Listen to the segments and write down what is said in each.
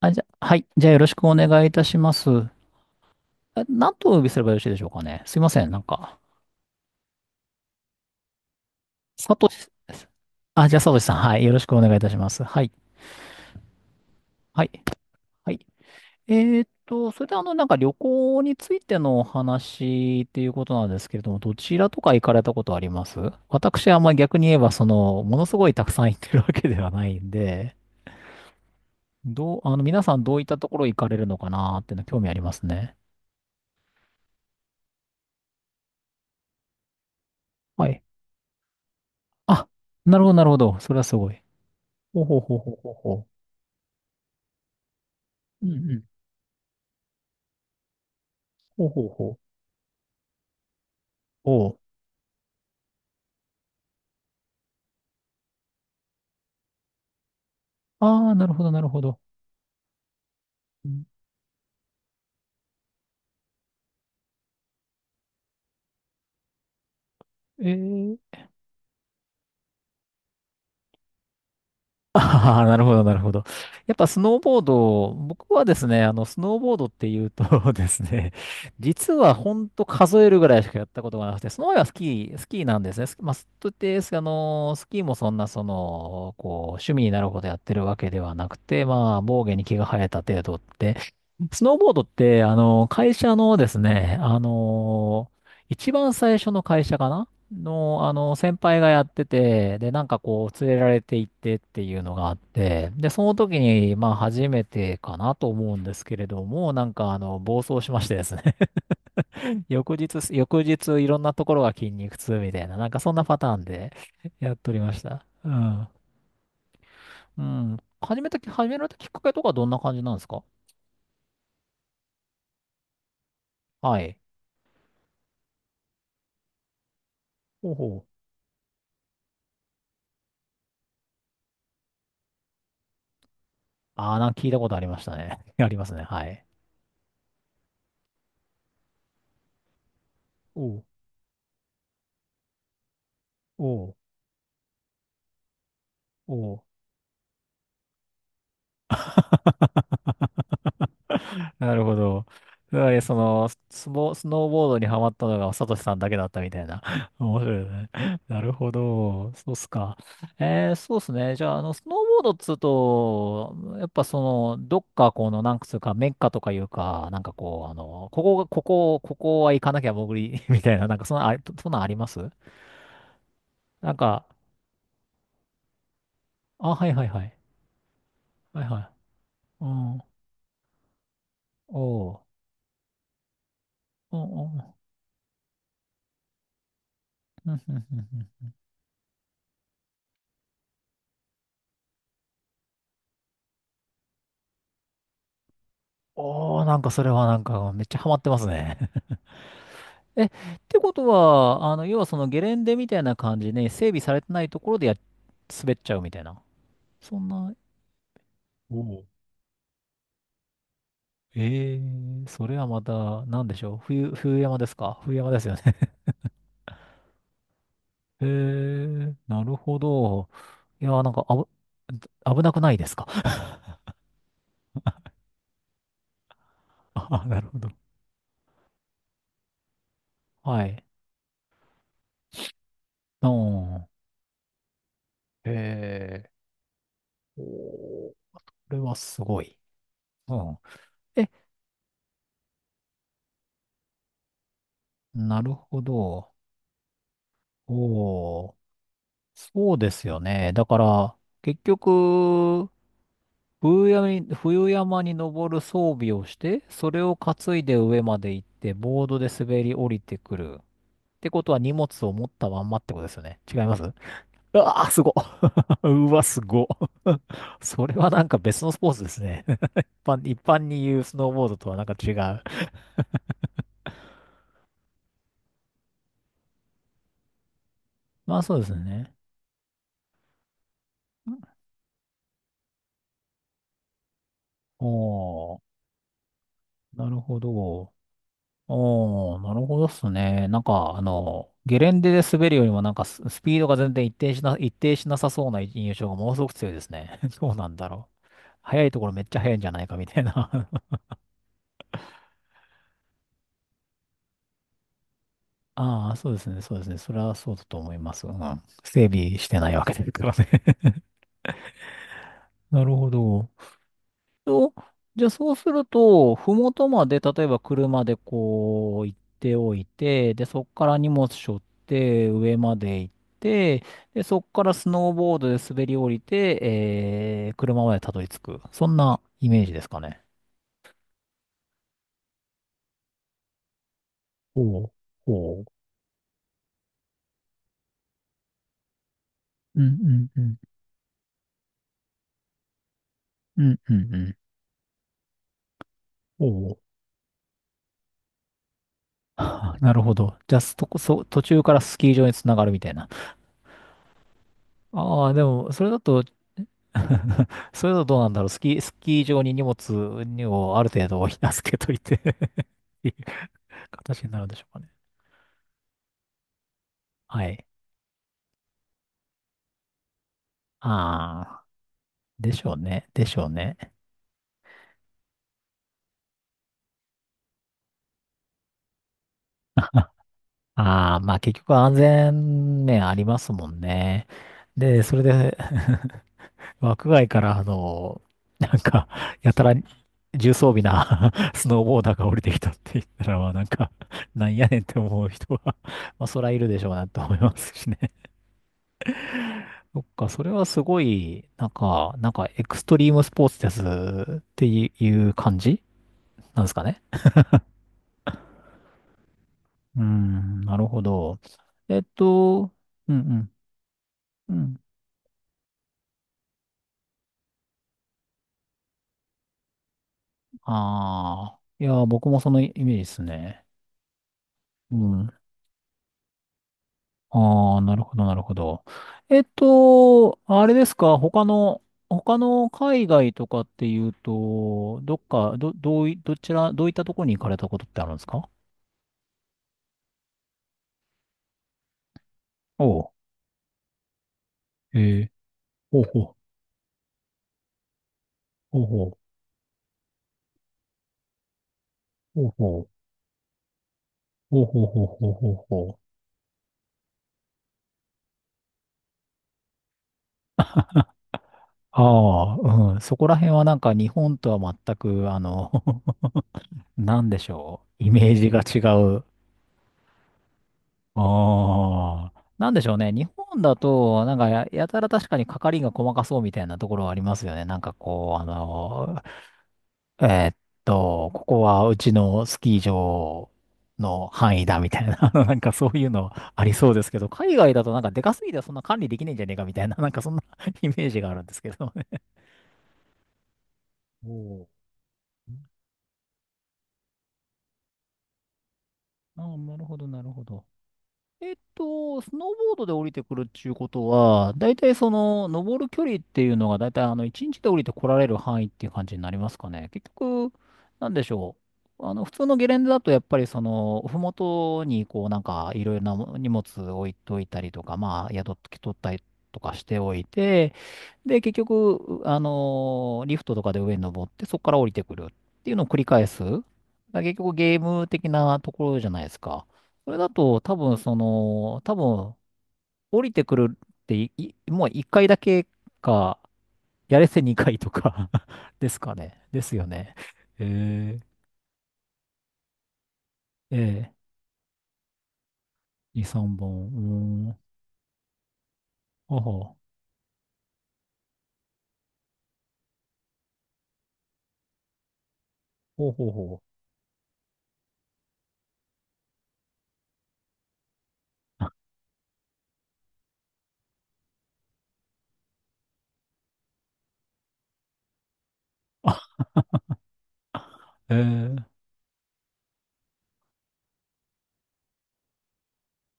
あ、はい。じゃあよろしくお願いいたします。あ、何とお呼びすればよろしいでしょうかね。すいません。サトシ、あ、じゃあサトシさん。はい。よろしくお願いいたします。はい。はい。はい。えそれで旅行についてのお話っていうことなんですけれども、どちらとか行かれたことあります？私はあんまり逆に言えば、ものすごいたくさん行ってるわけではないんで、どう、あの、皆さんどういったところ行かれるのかなーっていうの興味ありますね。はい。あ、なるほど、なるほど。それはすごい。ほうほうほうほうほうほう。うんうん。ほうほうほう。おう。ああ、なるほど、なるほど。うん、えー。ああ、なるほど、なるほど。やっぱスノーボード、僕はですね、スノーボードっていうと ですね、実はほんと数えるぐらいしかやったことがなくて、その前はスキーなんですね。スまあ、スと言って、スキーもそんな、趣味になるほどやってるわけではなくて、まあ、防御に毛が生えた程度って、スノーボードって、会社のですね、一番最初の会社かなの、先輩がやってて、で、連れられて行ってっていうのがあって、で、その時に、まあ、初めてかなと思うんですけれども、暴走しましてですね、翌日、いろんなところが筋肉痛みたいな、なんかそんなパターンで やっておりました。うん。うん。始められたきっかけとかどんな感じなんですか？はい。ほうほう。ああ、なんか聞いたことありましたね。ありますね。はい。おう、おう、おう。なるほど。つまり、スノーボードにハマったのが、サトシさんだけだったみたいな。面白いね。なるほど。そうっすか。そうっすね。じゃあ、スノーボードっつうと、やっぱその、どっかこの、なんつうか、メッカとかいうか、ここは行かなきゃ潜り、みたいな、なんかそんな、そんなんあります？なんか、あ、はいはいはい。はいはい。うん。おう。おお。うんうんうんうん。おー、なんかそれはなんかめっちゃハマってますね。え、ってことは、要はそのゲレンデみたいな感じで整備されてないところで滑っちゃうみたいな。そんな。おお。ええー、それはまた、なんでしょう。冬山ですか？冬山ですよね。えー、なるほど。いやー、なんか危なくないですか？ あ、なるほど。はい。うん。えー、おー、これはすごい。うん。え、なるほど。おー、そうですよね。だから、結局、冬山に登る装備をして、それを担いで上まで行って、ボードで滑り降りてくる。ってことは荷物を持ったまんまってことですよね。違いますう？わー、すごっ。うわ、すごっ。それはなんか別のスポーツですね。一般に言うスノーボードとはなんか違う。まあそうですね。おー、なるほど。おー、なるほどっすね。なんか、ゲレンデで滑るよりも、なんかスピードが全然一定しなさそうな印象がものすごく強いですね。どうなんだろう。速いところめっちゃ速いんじゃないかみたいな。ああ、そうですね、そうですね。それはそうだと思います。うん。整備してないわけですからね。なるほど。と、じゃあそうすると、ふもとまで、例えば車で行っておいて、で、そこから荷物背負って上まで行って、で、そこからスノーボードで滑り降りて、車までたどり着く。そんなイメージですかね。おう、おう。うんうんうん。うんうんうん。おう。なるほど。じゃあ、そこ、そ、途中からスキー場につながるみたいな。ああ、でも、それだと それだとどうなんだろう。スキー場に荷物をある程度預けといて っていう形になるんでしょうかね。はい。ああ、でしょうね。でしょうね。ああ、まあ結局安全面ありますもんね。で、それで 枠外から、なんか、やたら重装備な スノーボーダーが降りてきたって言ったら、まあなんか、なんやねんって思う人は、まあそらいるでしょうなと思いますしね。そっか、それはすごい、なんかエクストリームスポーツですっていう感じなんですかね。うーん、なるほど。えっと、うんうん、うん。ああ、いやー、僕もそのイメージですね。うん。ああ、なるほど、なるほど。あれですか、他の海外とかっていうと、どっか、ど、どうい、どちら、どういったところに行かれたことってあるんですか？おう。えー、ほうほう、ほうほう、ほうほう。ほうほうほうほうほうほう。ああ、うん。そこら辺はなんか日本とは全く、なんでしょう。イメージが違う。ああ。なんでしょうね。日本だと、なんかやたら確かに係が細かそうみたいなところはありますよね。えーっここはうちのスキー場の範囲だみたいな、なんかそういうのありそうですけど、海外だとなんかでかすぎてそんな管理できねえんじゃねえかみたいな、なんかそんな イメージがあるんですけどね。おー、ああ、なるほど、なるほど。スノーボードで降りてくるっていうことは、だいたい登る距離っていうのが、だいたい1日で降りてこられる範囲っていう感じになりますかね。結局、なんでしょう。普通のゲレンデだと、やっぱりふもとに、いろいろな荷物置いといたりとか、まあ、宿取ったりとかしておいて、で、結局、リフトとかで上に登って、そこから降りてくるっていうのを繰り返す。だから結局ゲーム的なところじゃないですか。それだと、多分降りてくるってい、いもう一回だけか、やれせ二回とか ですかね。ですよね。えー、ええ、二三本。うーん。ほうほう。ほうほうほう。あ、えー、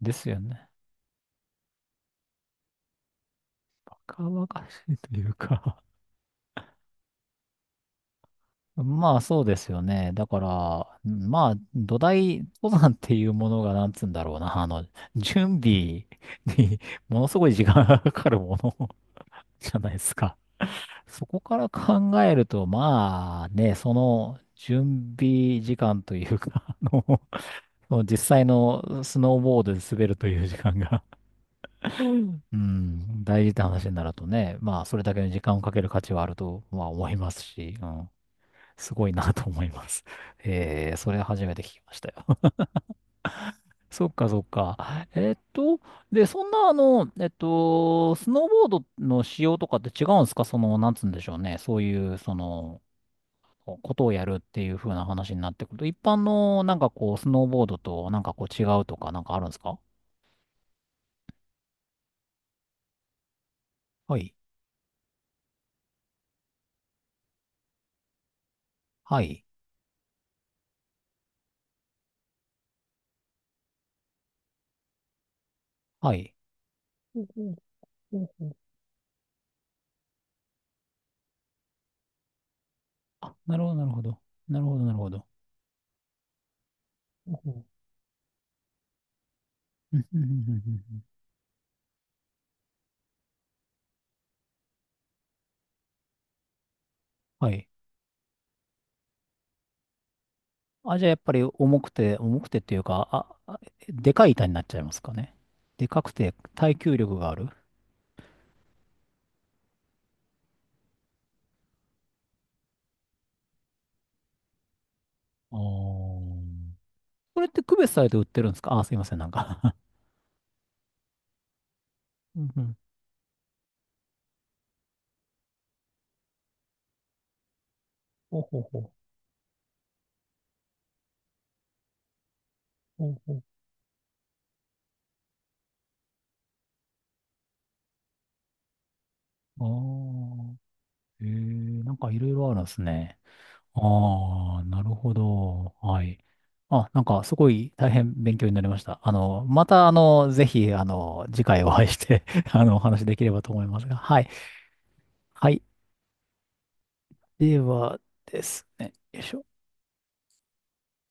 ですよね。若々しいというか まあそうですよね。だから、まあ土台、登山っていうものがなんつうんだろうな。準備に ものすごい時間がかかるものじゃないですか。そこから考えると、まあね、その準備時間というか、その実際のスノーボードで滑るという時間が、うんうん大事って話になるとね、まあそれだけの時間をかける価値はあると、まあ思いますし、うん、すごいなと思います。えー、それ初めて聞きましたよ。そっかそっか。えーっと、で、そんなスノーボードの仕様とかって違うんですか？なんつうんでしょうね。そういう、ことをやるっていう風な話になってくると、一般のスノーボードと違うとかなんかあるんですか？はい。はい。はい。うんうんうんうん。あ、なるほど、なるほど。なるほど、なるほど。うんうんうんうんうんうんうん。はい。あ、じゃあやっぱり重くて、重くてっていうか、あでかい板になっちゃいますかね。でかくて耐久力がある。あー、これって区別されて売ってるんですか？あ、すいません、なんか うんうん。ほうほうほう。ほうほう。えー、なんかいろいろあるんですね。ああ、なるほど。はい。あ、なんかすごい大変勉強になりました。またぜひ、次回お会いして お話できればと思いますが。はい。はい。ではですね。よいしょ。